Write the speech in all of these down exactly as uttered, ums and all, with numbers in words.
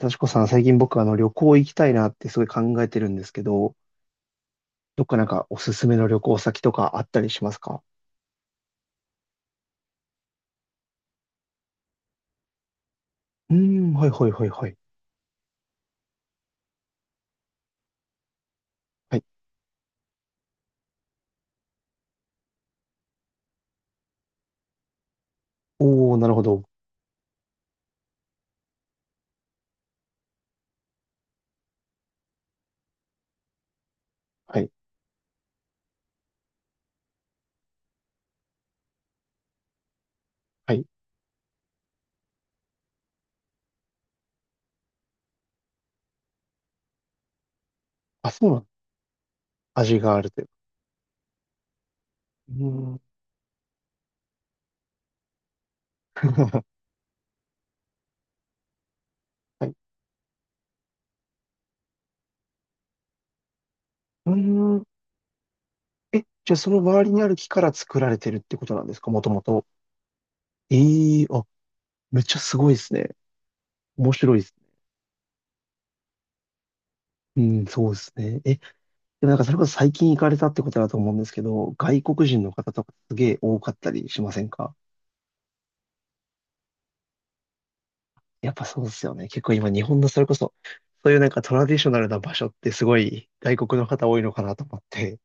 幸子さん、最近僕、あの、旅行行きたいなってすごい考えてるんですけど、どっかなんかおすすめの旅行先とかあったりしますか？うーん、はいはいはいはい。はい。おー、なるほど。はい。はい。あ、そうなの。味があるという。うーん。はい。うーん。え、じゃあその周りにある木から作られてるってことなんですか、もともと？ええー、あ、めっちゃすごいですね。面白いです。うん、そうですね。え、でもなんかそれこそ最近行かれたってことだと思うんですけど、外国人の方とかすげえ多かったりしませんか？やっぱそうですよね。結構今日本のそれこそ、そういうなんかトラディショナルな場所ってすごい外国の方多いのかなと思って。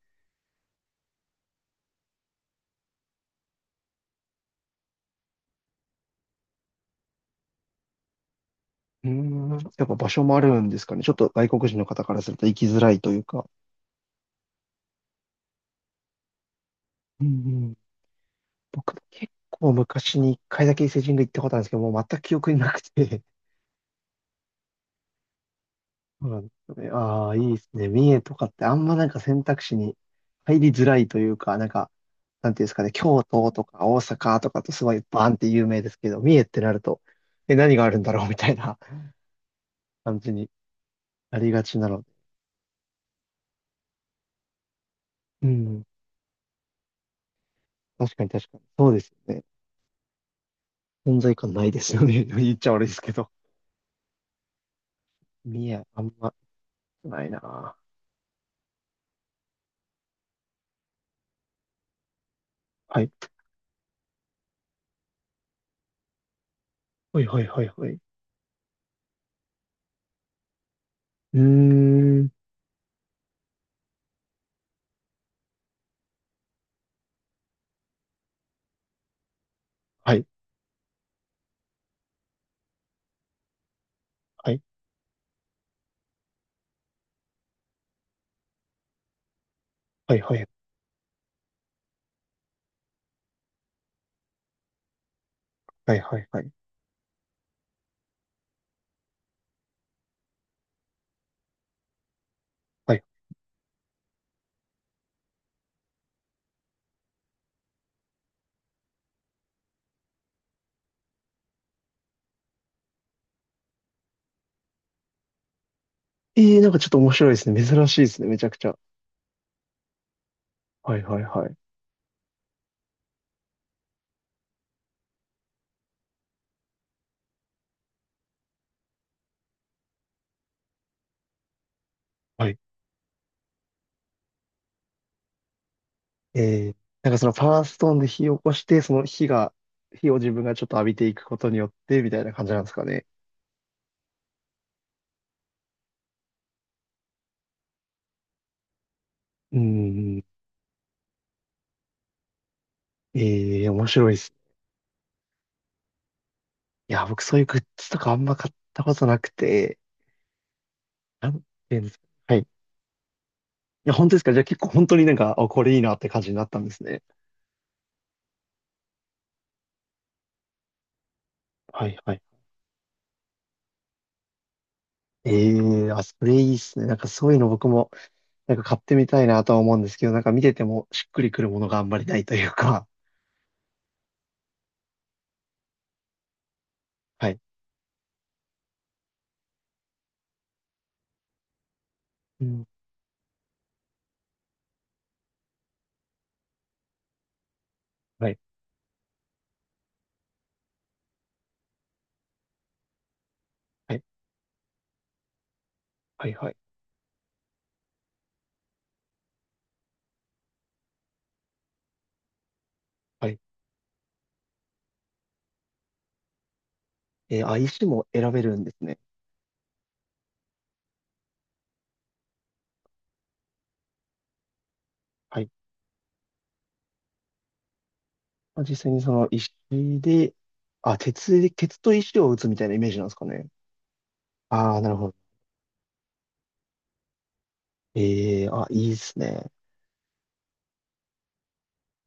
うーん、やっぱ場所もあるんですかね。ちょっと外国人の方からすると行きづらいというか。うんうん。僕結構昔に一回だけ伊勢神宮行ったことあるんですけど、もう全く記憶になくて。そうなんですよね。ああ、いいですね。三重とかってあんまなんか選択肢に入りづらいというか、なんか、なんていうんですかね、京都とか大阪とかとすごいバーンって有名ですけど、三重ってなると、え、何があるんだろうみたいな。感じになりがちなので。うん。確かに確かに。そうですよね。存在感ないですよね。言っちゃ悪いですけど。見やあんま、ないな。はい。はいはいはいはい。うーん。はい。はい。はいはい。はいはいはい。はい。えー、なんかちょっと面白いですね。珍しいですね。めちゃくちゃ。はいはいはい。はい。えー、なんかそのパワーストーンで火を起こして、その火が、火を自分がちょっと浴びていくことによって、みたいな感じなんですかね？うーん。えー、面白いです。いや、僕そういうグッズとかあんま買ったことなくて、なんていうんですか。はい。いや、本当ですか？じゃあ結構本当になんか、あ、これいいなって感じになったんですね。はいはい。ええ、あ、それいいっすね。なんかそういうの僕も、なんか買ってみたいなとは思うんですけど、なんか見ててもしっくりくるものがあんまりないというか。はい。うん。はい。はい。はい。はい。はい。えー、あ、石も選べるんですね。はい。まあ、実際にその石で、あ、鉄で、鉄と石を打つみたいなイメージなんですかね？ああ、なるほど。ええ、あ、いいっすね。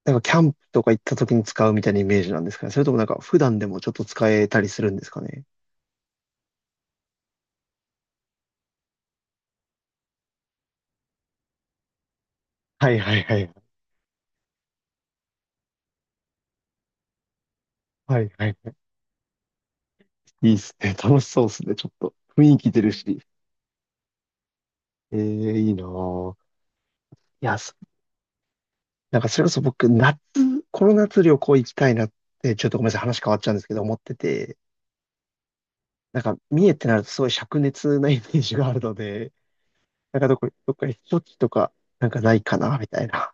なんかキャンプとか行った時に使うみたいなイメージなんですかね？それともなんか普段でもちょっと使えたりするんですかね？はいはいはい。はいはいはい。いいっすね。楽しそうっすね。ちょっと雰囲気出るし。ええいいなぁ。いや、そなんかそれこそ僕、夏、この夏旅行行きたいなって、ちょっとごめんなさい、話変わっちゃうんですけど、思ってて、なんか三重ってなるとすごい灼熱なイメージがあるので、なんかどこ、どっか避暑地とか、なんかないかな、みたいな。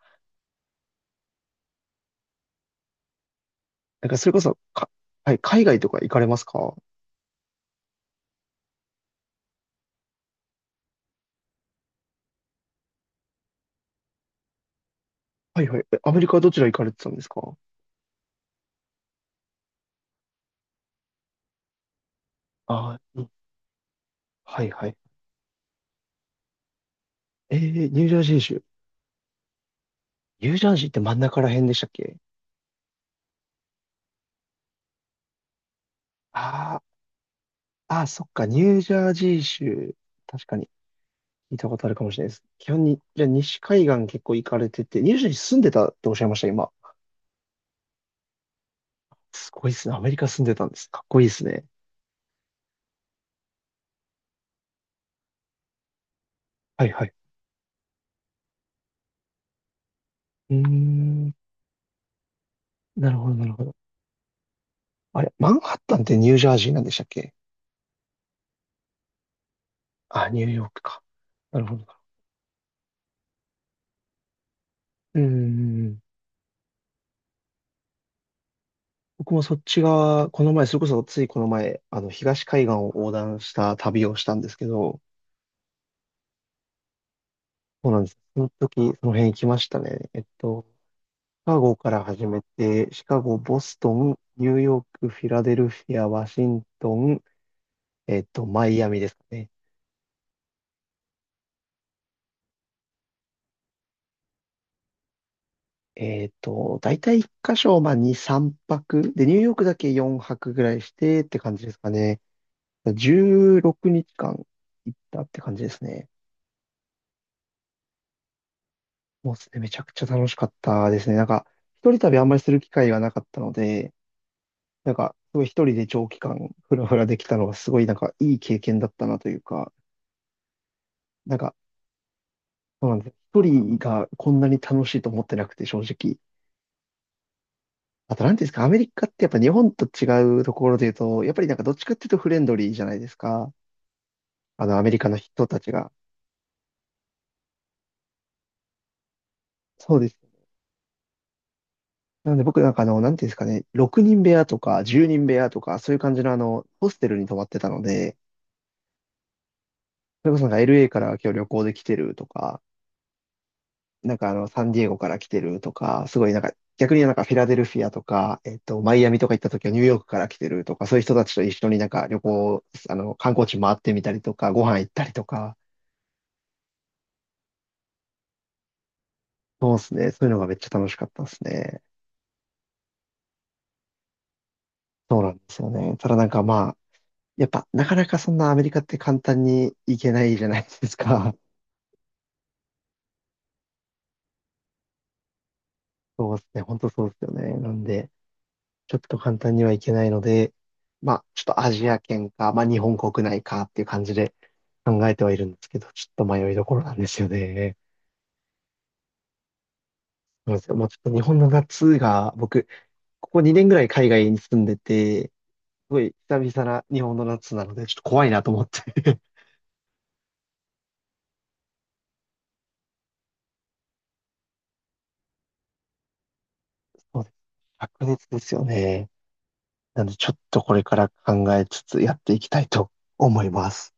なんかそれこそ、か、はい、海外とか行かれますか？はいはい。えアメリカはどちら行かれてたんですか？ああー、うん、はいはい。えー、ニュージャージー州。ニュージャージーって真ん中ら辺でしたっけ？ああ、ああ、そっか、ニュージャージー州。確かに、聞いたことあるかもしれないです。基本に、じゃあ西海岸結構行かれてて、ニュージャージー住んでたっておっしゃいました、今。すごいですね。アメリカ住んでたんです。かっこいいですね。はいはい。うーん、なるほど、なるほど。あれ、マンハッタンってニュージャージーなんでしたっけ？あ、ニューヨークか。なるほど。うーん。僕もそっち側、この前、それこそついこの前、あの、東海岸を横断した旅をしたんですけど、そうなんです。その時、その辺行きましたね。えっと、シカゴから始めて、シカゴ、ボストン、ニューヨーク、フィラデルフィア、ワシントン、えっと、マイアミですかね。えっと、大体いっかしょ箇所、まあ、に、さんぱく。で、ニューヨークだけよんはくぐらいしてって感じですかね。じゅうろくにちかん行ったって感じですね。もうですね、めちゃくちゃ楽しかったですね。なんか、一人旅あんまりする機会がなかったので、なんか、すごい一人で長期間ふらふらできたのがすごいなんかいい経験だったなというか、なんか、そうなんです。一人がこんなに楽しいと思ってなくて正直。あと、なんていうんですか、アメリカってやっぱ日本と違うところで言うと、やっぱりなんかどっちかっていうとフレンドリーじゃないですか。あの、アメリカの人たちが。そうです。なので僕なんかあの、なんていうんですかね、ろくにん部屋とかじゅうにん部屋とか、そういう感じのあの、ホステルに泊まってたので、それこそなんか エルエー から今日旅行で来てるとか、なんかあのサンディエゴから来てるとか、すごいなんか逆になんかフィラデルフィアとか、えっと、マイアミとか行った時はニューヨークから来てるとか、そういう人たちと一緒になんか旅行、あの、観光地回ってみたりとか、ご飯行ったりとか、そうですね。そういうのがめっちゃ楽しかったですね。そうなんですよね。ただなんかまあ、やっぱなかなかそんなアメリカって簡単に行けないじゃないですか。そうですね。本当そうですよね。なんで、ちょっと簡単にはいけないので、まあ、ちょっとアジア圏か、まあ、日本国内かっていう感じで考えてはいるんですけど、ちょっと迷いどころなんですよね。そうなんですよ。もうちょっと日本の夏が、僕、ここにねんぐらい海外に住んでて、すごい久々な日本の夏なので、ちょっと怖いなと思って。そうです。白熱ですよね。なので、ちょっとこれから考えつつやっていきたいと思います。